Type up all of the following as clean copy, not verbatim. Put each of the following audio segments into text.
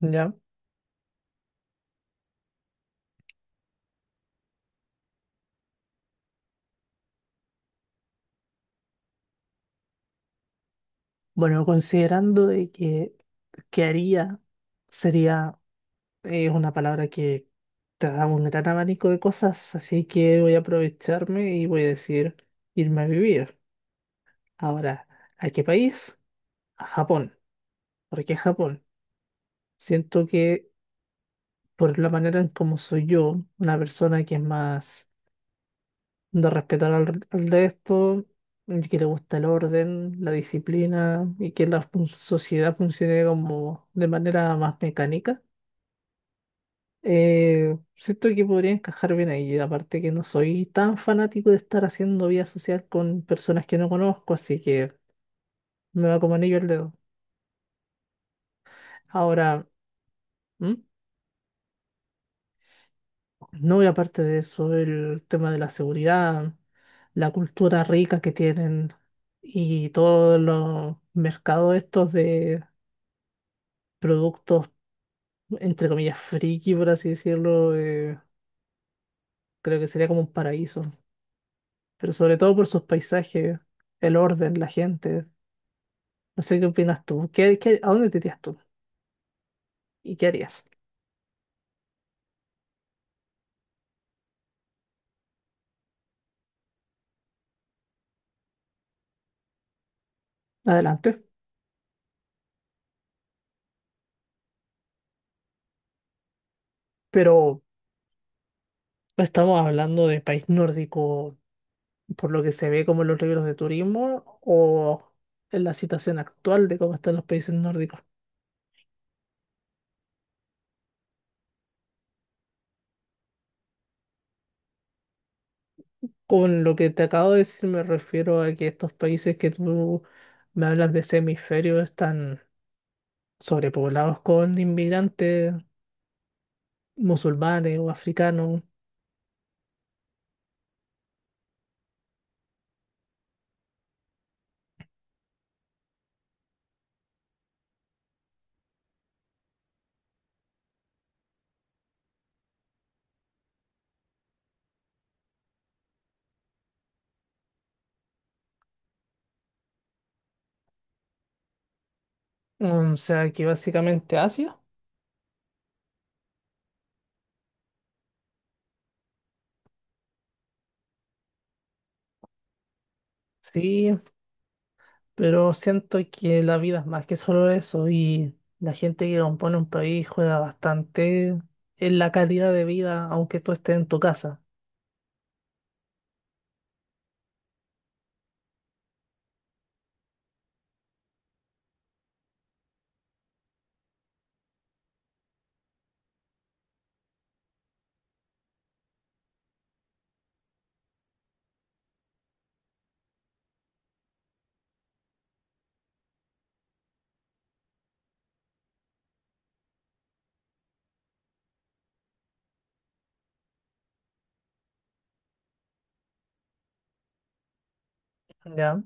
Ya. Bueno, considerando de que haría sería es una palabra que te da un gran abanico de cosas, así que voy a aprovecharme y voy a decir irme a vivir. Ahora, ¿a qué país? A Japón. ¿Por qué Japón? Siento que por la manera en cómo soy yo, una persona que es más de respetar al resto, y que le gusta el orden, la disciplina y que la sociedad funcione como de manera más mecánica. Siento que podría encajar bien ahí, aparte que no soy tan fanático de estar haciendo vida social con personas que no conozco, así que me va como anillo el dedo. Ahora, ¿Mm? No, y aparte de eso, el tema de la seguridad, la cultura rica que tienen y todos los mercados estos de productos, entre comillas, friki, por así decirlo, creo que sería como un paraíso, pero sobre todo por sus paisajes, el orden, la gente. No sé qué opinas tú. ¿A dónde te irías tú? ¿Y qué harías? Adelante. Pero estamos hablando de país nórdico, por lo que se ve como en los libros de turismo, o en la situación actual de cómo están los países nórdicos. Con lo que te acabo de decir, me refiero a que estos países que tú me hablas de ese hemisferio están sobrepoblados con inmigrantes musulmanes o africanos. O sea, que básicamente Asia. Sí, pero siento que la vida es más que solo eso y la gente que compone un país juega bastante en la calidad de vida, aunque tú estés en tu casa. ¿Ya?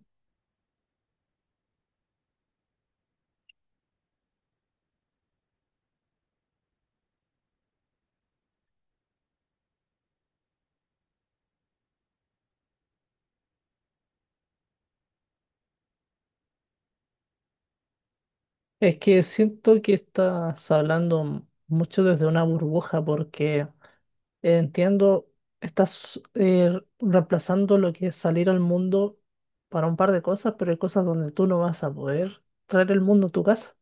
Es que siento que estás hablando mucho desde una burbuja porque entiendo, estás reemplazando lo que es salir al mundo para un par de cosas, pero hay cosas donde tú no vas a poder traer el mundo a tu casa.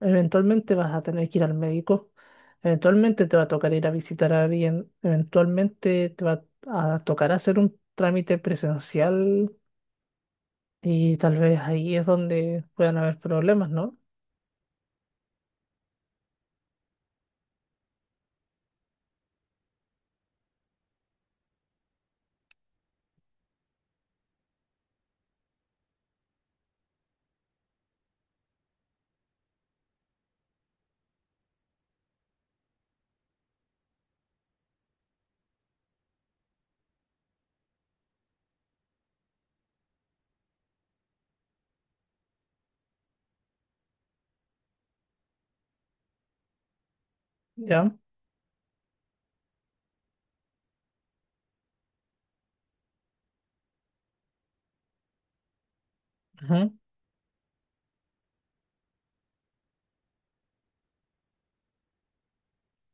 Eventualmente vas a tener que ir al médico, eventualmente te va a tocar ir a visitar a alguien, eventualmente te va a tocar hacer un trámite presencial y tal vez ahí es donde puedan haber problemas, ¿no? ¿Ya? Ujú.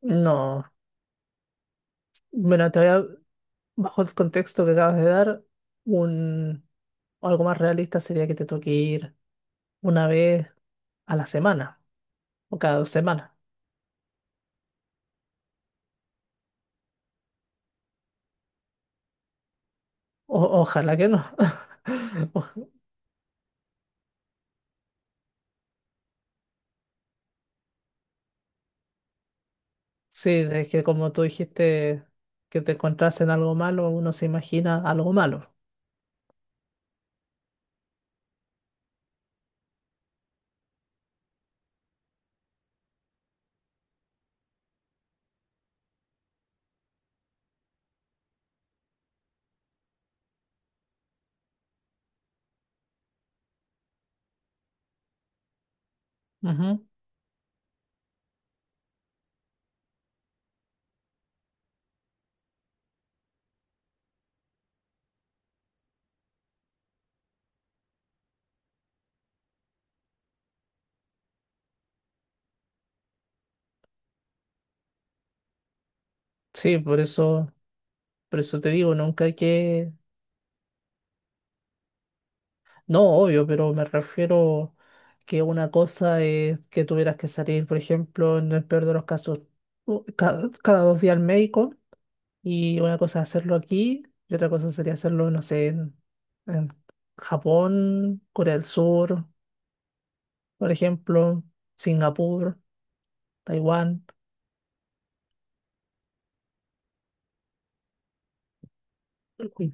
No. Bueno, bajo el contexto que acabas de dar, un, algo más realista sería que te toque ir una vez a la semana o cada dos semanas. O- ojalá que no. Sí, es que como tú dijiste que te encontraste en algo malo, uno se imagina algo malo. Ujú. Sí, por eso te digo, nunca hay que, no, obvio, pero me refiero que una cosa es que tuvieras que salir, por ejemplo, en el peor de los casos, cada dos días al médico, y una cosa es hacerlo aquí, y otra cosa sería hacerlo, no sé, en Japón, Corea del Sur, por ejemplo, Singapur, Taiwán. Ujú.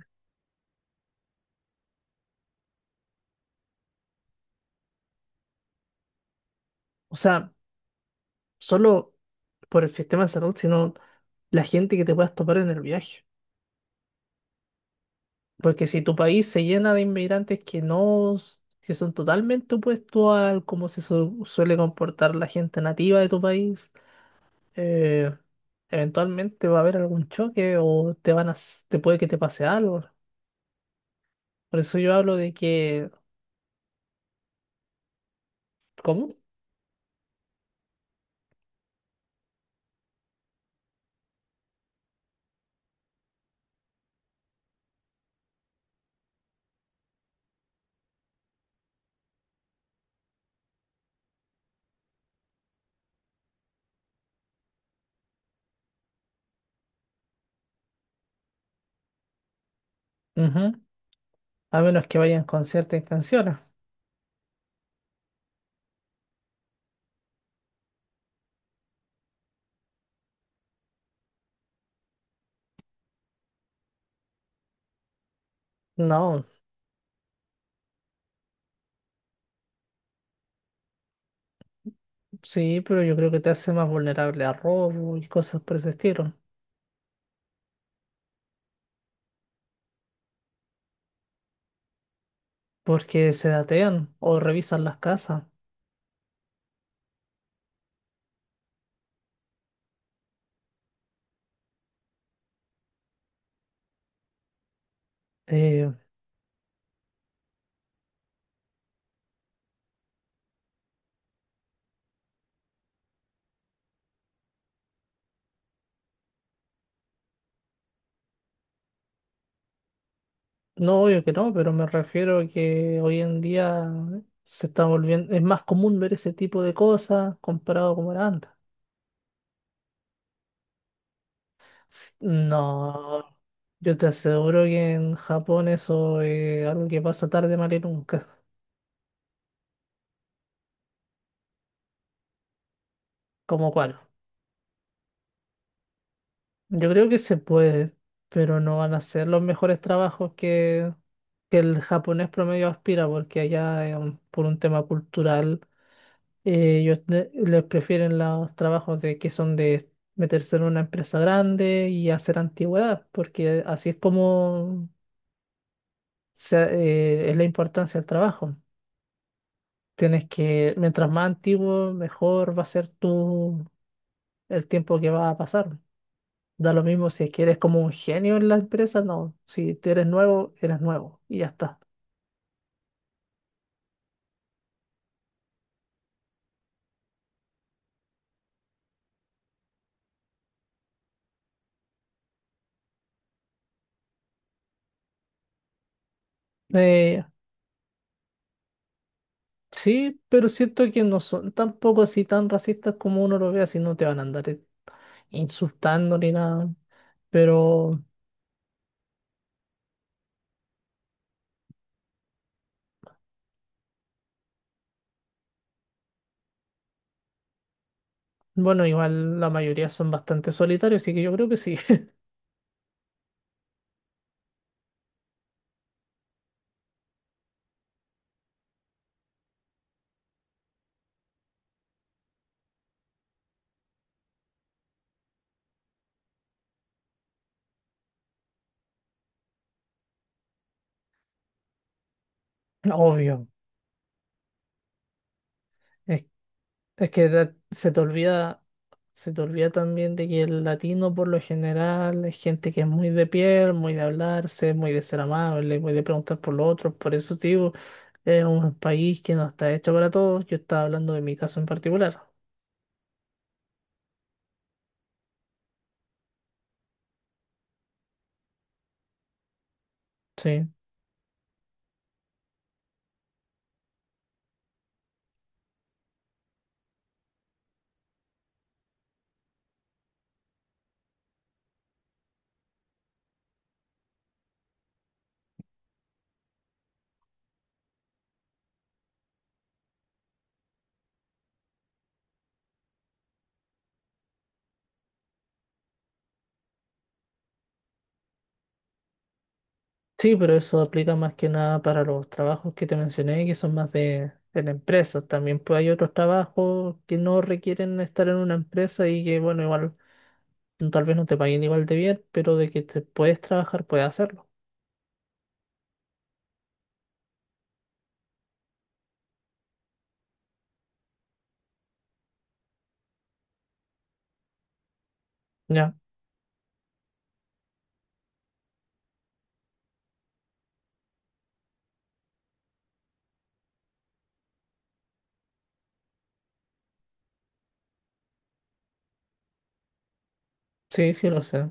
O sea, solo por el sistema de salud, sino la gente que te puedas topar en el viaje. Porque si tu país se llena de inmigrantes que no, que son totalmente opuestos al cómo se suele comportar la gente nativa de tu país, eh, eventualmente va a haber algún choque o te van a, s- te puede que te pase algo. Por eso yo hablo de que, ¿cómo? Ujú. A menos que vayan con cierta intención. No, sí, pero yo creo que te hace más vulnerable a robo y cosas por ese estilo. Porque se datean o revisan las casas. Eh, no, obvio que no, pero me refiero a que hoy en día se está volviendo, es más común ver ese tipo de cosas comparado como era antes. No, yo te aseguro que en Japón eso es algo que pasa tarde, mal y nunca. ¿Como cuál? Yo creo que se puede, pero no van a ser los mejores que el japonés promedio aspira, porque allá, por un tema cultural. Ellos les prefieren los trabajos de que son de meterse en una empresa grande y hacer antigüedad, porque así es como se- es la importancia del trabajo. Tienes que, mientras más antiguo, mejor va a ser el tiempo que va a pasar. Da lo mismo si es que eres como un genio en la empresa, no. Si te eres nuevo y ya está. Eh, sí, pero siento que no son tampoco así tan racistas como uno lo vea, si no te van a andar insultando ni nada. Pero bueno, igual la mayoría son bastante solitarios, así que yo creo que sí. Obvio. Es, es que se te olvida también de que el latino por lo general es gente que es muy de piel, muy de hablarse, muy de ser amable, muy de preguntar por los otros. Por eso, tío, es un país que no está hecho para todos. Yo estaba hablando de mi caso en particular. Sí. Sí, pero eso aplica más que nada para los trabajos que te mencioné, que son más de la empresa. También pues, hay otros trabajos que no requieren estar en una empresa y que, bueno, igual no, tal vez no te paguen igual de bien, pero de que te puedes trabajar, puedes hacerlo. Ya, sí, sí lo sé.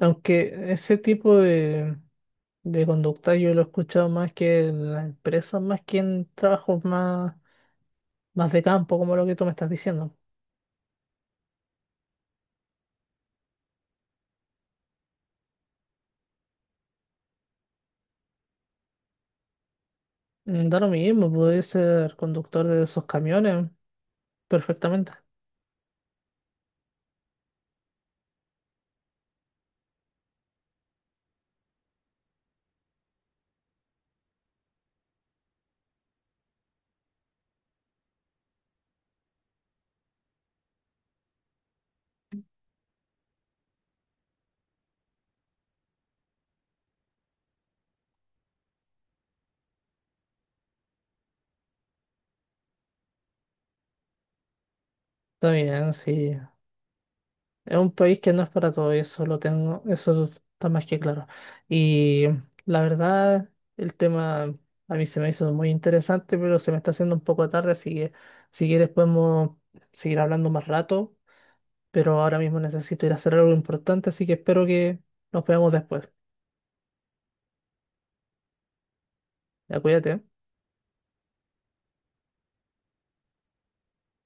Aunque ese tipo de conducta yo lo he escuchado más que en las empresas, más que en trabajos más de campo, como lo que tú me estás diciendo. Mm, da lo mismo, puedes ser conductor de esos camiones perfectamente. Está bien, sí. Es un país que no es para todo, y eso lo tengo, eso está más que claro. Y la verdad, el tema a mí se me hizo muy interesante, pero se me está haciendo un poco tarde, así que si quieres podemos seguir hablando más rato, pero ahora mismo necesito ir a hacer algo importante, así que espero que nos veamos después. Ya, cuídate.